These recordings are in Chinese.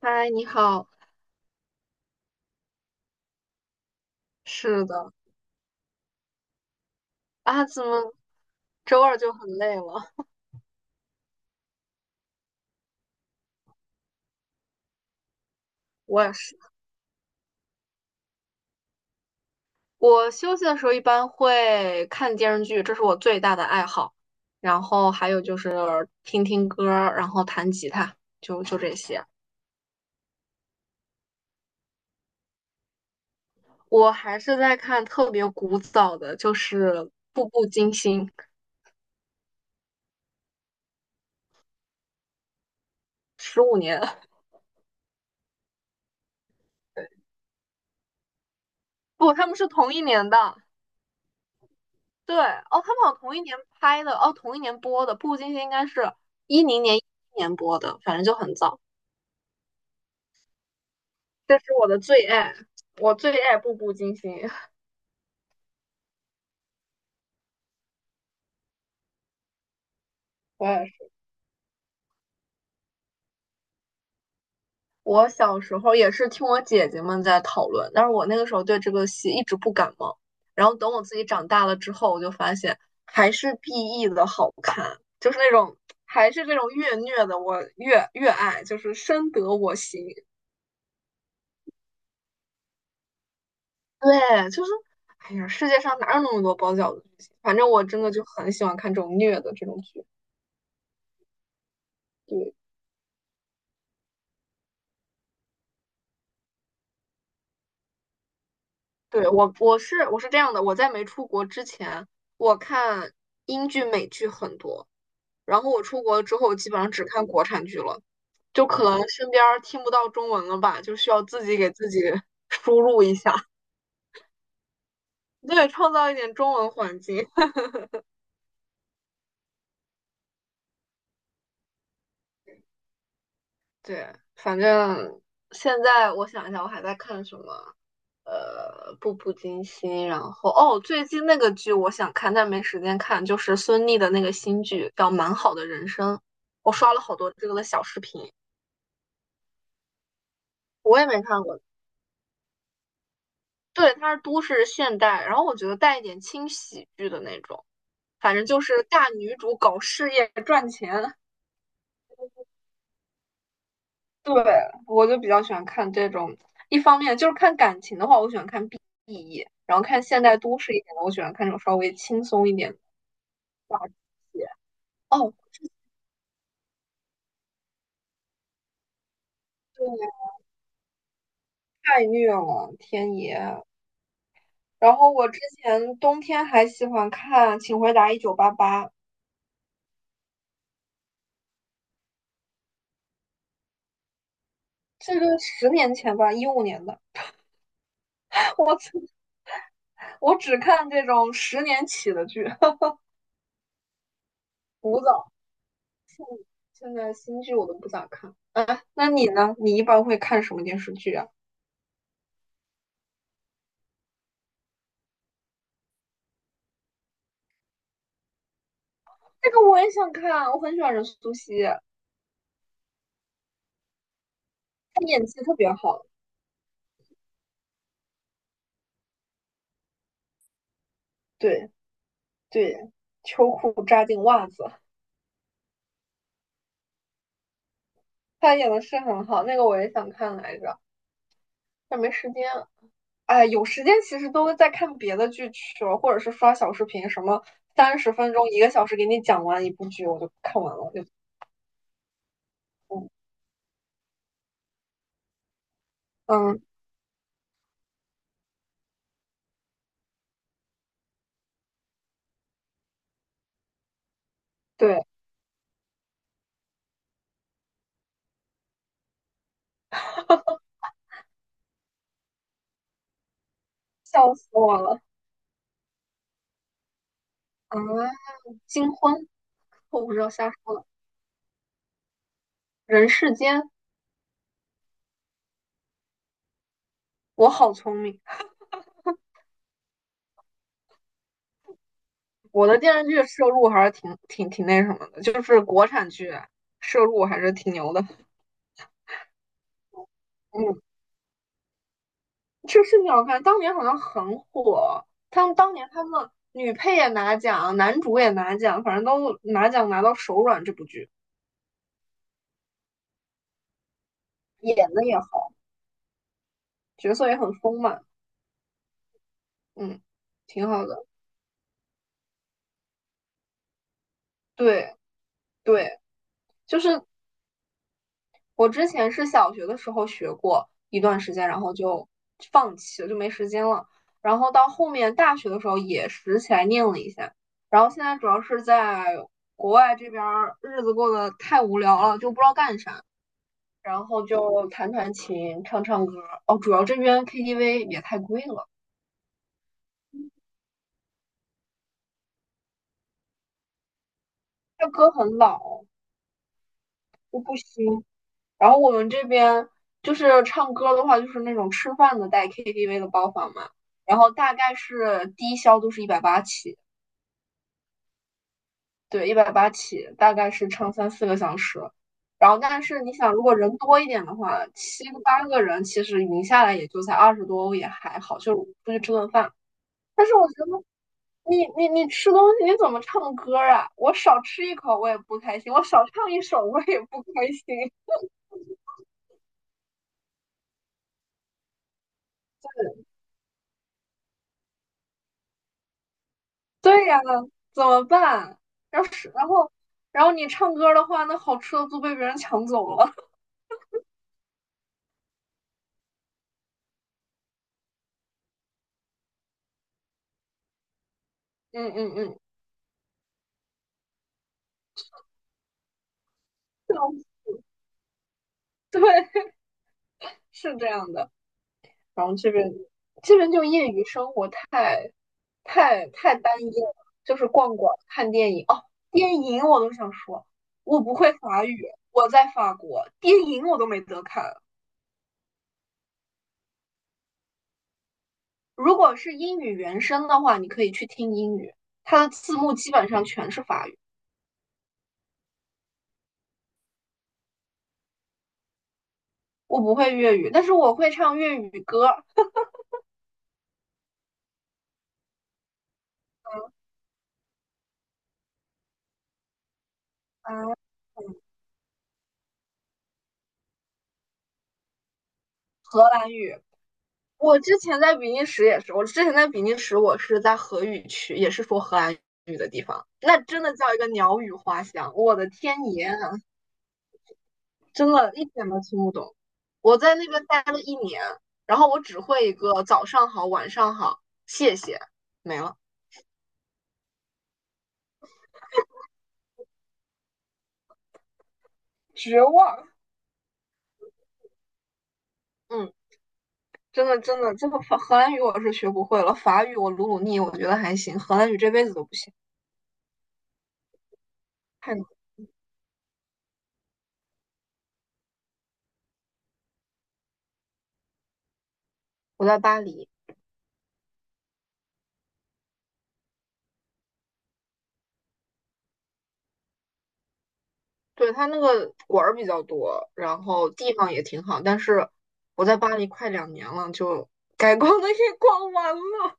嗨，你好，是的。啊，怎么周二就很累了？我也是，我休息的时候一般会看电视剧，这是我最大的爱好。然后还有就是听听歌儿然后弹吉他，就这些。我还是在看特别古早的，就是《步步惊心》，十五年，不，他们是同一年的。对，哦，他们好像同一年拍的，哦，同一年播的，《步步惊心》应该是一零年、一一年播的，反正就很早。这是我的最爱，我最爱《步步惊心》。我也是，我小时候也是听我姐姐们在讨论，但是我那个时候对这个戏一直不感冒。然后等我自己长大了之后，我就发现还是 BE 的好看，就是那种还是这种越虐的，我越爱，就是深得我心。对，就是哎呀，世界上哪有那么多包饺子剧情？反正我真的就很喜欢看这种虐的这种剧。对，对，我是这样的，我在没出国之前，我看英剧、美剧很多，然后我出国之后，基本上只看国产剧了，就可能身边儿听不到中文了吧，就需要自己给自己 输入一下，对，创造一点中文环境。对，反正现在我想一下，我还在看什么？步步惊心，然后哦，最近那个剧我想看，但没时间看，就是孙俪的那个新剧叫《蛮好的人生》，我刷了好多这个的小视频，我也没看过。对，它是都市现代，然后我觉得带一点轻喜剧的那种，反正就是大女主搞事业。对，我就比较喜欢看这种。一方面就是看感情的话，我喜欢看 BE，然后看现代都市一点的，我喜欢看这种稍微轻松一点的剧。哦，对，太虐了，天爷！然后我之前冬天还喜欢看《请回答一九八八》，这个十年前吧，一五年的。我只我只看这种十年起的剧，古早。现在新剧我都不咋看。哎，那你呢？你一般会看什么电视剧啊？这个我也想看，我很喜欢任素汐。他演技特别好，对对，秋裤扎进袜子，他演的是很好，那个我也想看来着，但没时间。哎，有时间其实都在看别的剧去了，或者是刷小视频，什么三十分钟、一个小时给你讲完一部剧，我就看完了，我就嗯嗯，对，笑死我了。啊！金婚，我不知道瞎说了，人世间，我好聪明，我的电视剧摄入还是挺那什么的，就是国产剧摄入还是挺牛的，嗯。这个挺好看，当年好像很火。他们当年他们女配也拿奖，男主也拿奖，反正都拿奖拿到手软。这部剧演的也好，角色也很丰满，嗯，挺好的。对对，就是我之前是小学的时候学过一段时间，然后就放弃了，就没时间了。然后到后面大学的时候也拾起来念了一下，然后现在主要是在国外这边儿日子过得太无聊了，就不知道干啥。然后就弹弹琴、唱唱歌。哦，主要这边 KTV 也太贵了，它歌很老，就不新。然后我们这边就是唱歌的话，就是那种吃饭的带 KTV 的包房嘛，然后大概是低消都是一百八起，对，一百八起，大概是唱三四个小时。然后，但是你想，如果人多一点的话，七个八个人，其实匀下来也就才二十多欧，也还好，就是出去吃顿饭。但是我觉得你吃东西你怎么唱歌啊？我少吃一口我也不开心，我少唱一首我也不开心。对呀，怎么办？要是然后然后你唱歌的话，那好吃的都被别人抢走了。嗯嗯嗯，对，是这样的。然后这边就业余生活太单一了，就是逛逛、看电影。哦，电影我都想说，我不会法语，我在法国，电影我都没得看。如果是英语原声的话，你可以去听英语，它的字幕基本上全是法语。我不会粤语，但是我会唱粤语歌啊，荷兰语。我之前在比利时也是，我之前在比利时，我是在荷语区，也是说荷兰语的地方，那真的叫一个鸟语花香，我的天爷啊真的一点都听不懂。我在那边待了一年，然后我只会一个早上好，晚上好，谢谢，没了，绝望。嗯。真的真的，这个法荷兰语我是学不会了，法语我努努力，我觉得还行，荷兰语这辈子都不行。太难。我在巴黎，对，它那个馆儿比较多，然后地方也挺好，但是我在巴黎快两年了，就该逛的也逛完了。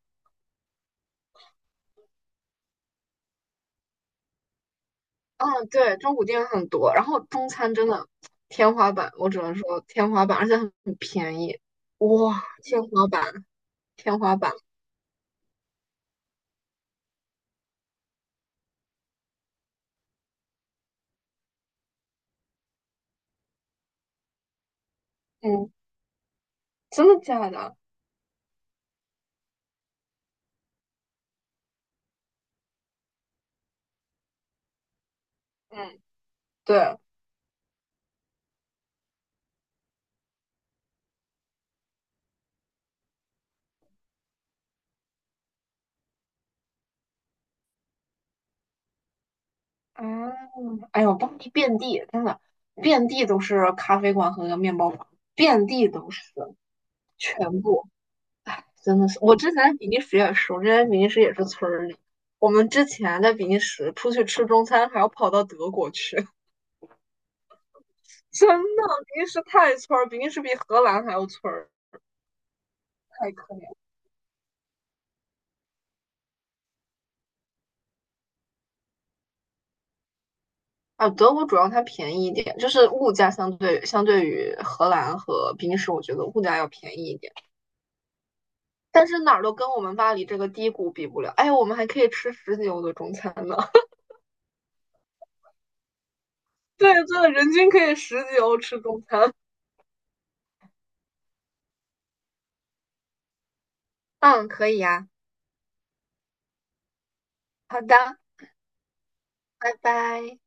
嗯，对，中古店很多，然后中餐真的天花板，我只能说天花板，而且很便宜，哇，天花板，天花板，嗯，真的假的？嗯，对。嗯，哎呦，当地遍地真的遍地都是咖啡馆和面包房，遍地都是，全部真的是。我之前在比利时也是，我之前在比利时也是村儿里。我们之前在比利时出去吃中餐，还要跑到德国去，真的，比利时太村儿，比利时比荷兰还要村儿，太可怜了。啊，德国主要它便宜一点，就是物价相对于荷兰和比利时，我觉得物价要便宜一点。但是哪儿都跟我们巴黎这个低谷比不了。哎，我们还可以吃十几欧的中餐呢。对，对，人均可以十几欧吃中餐。嗯，可以呀、啊好的，拜拜。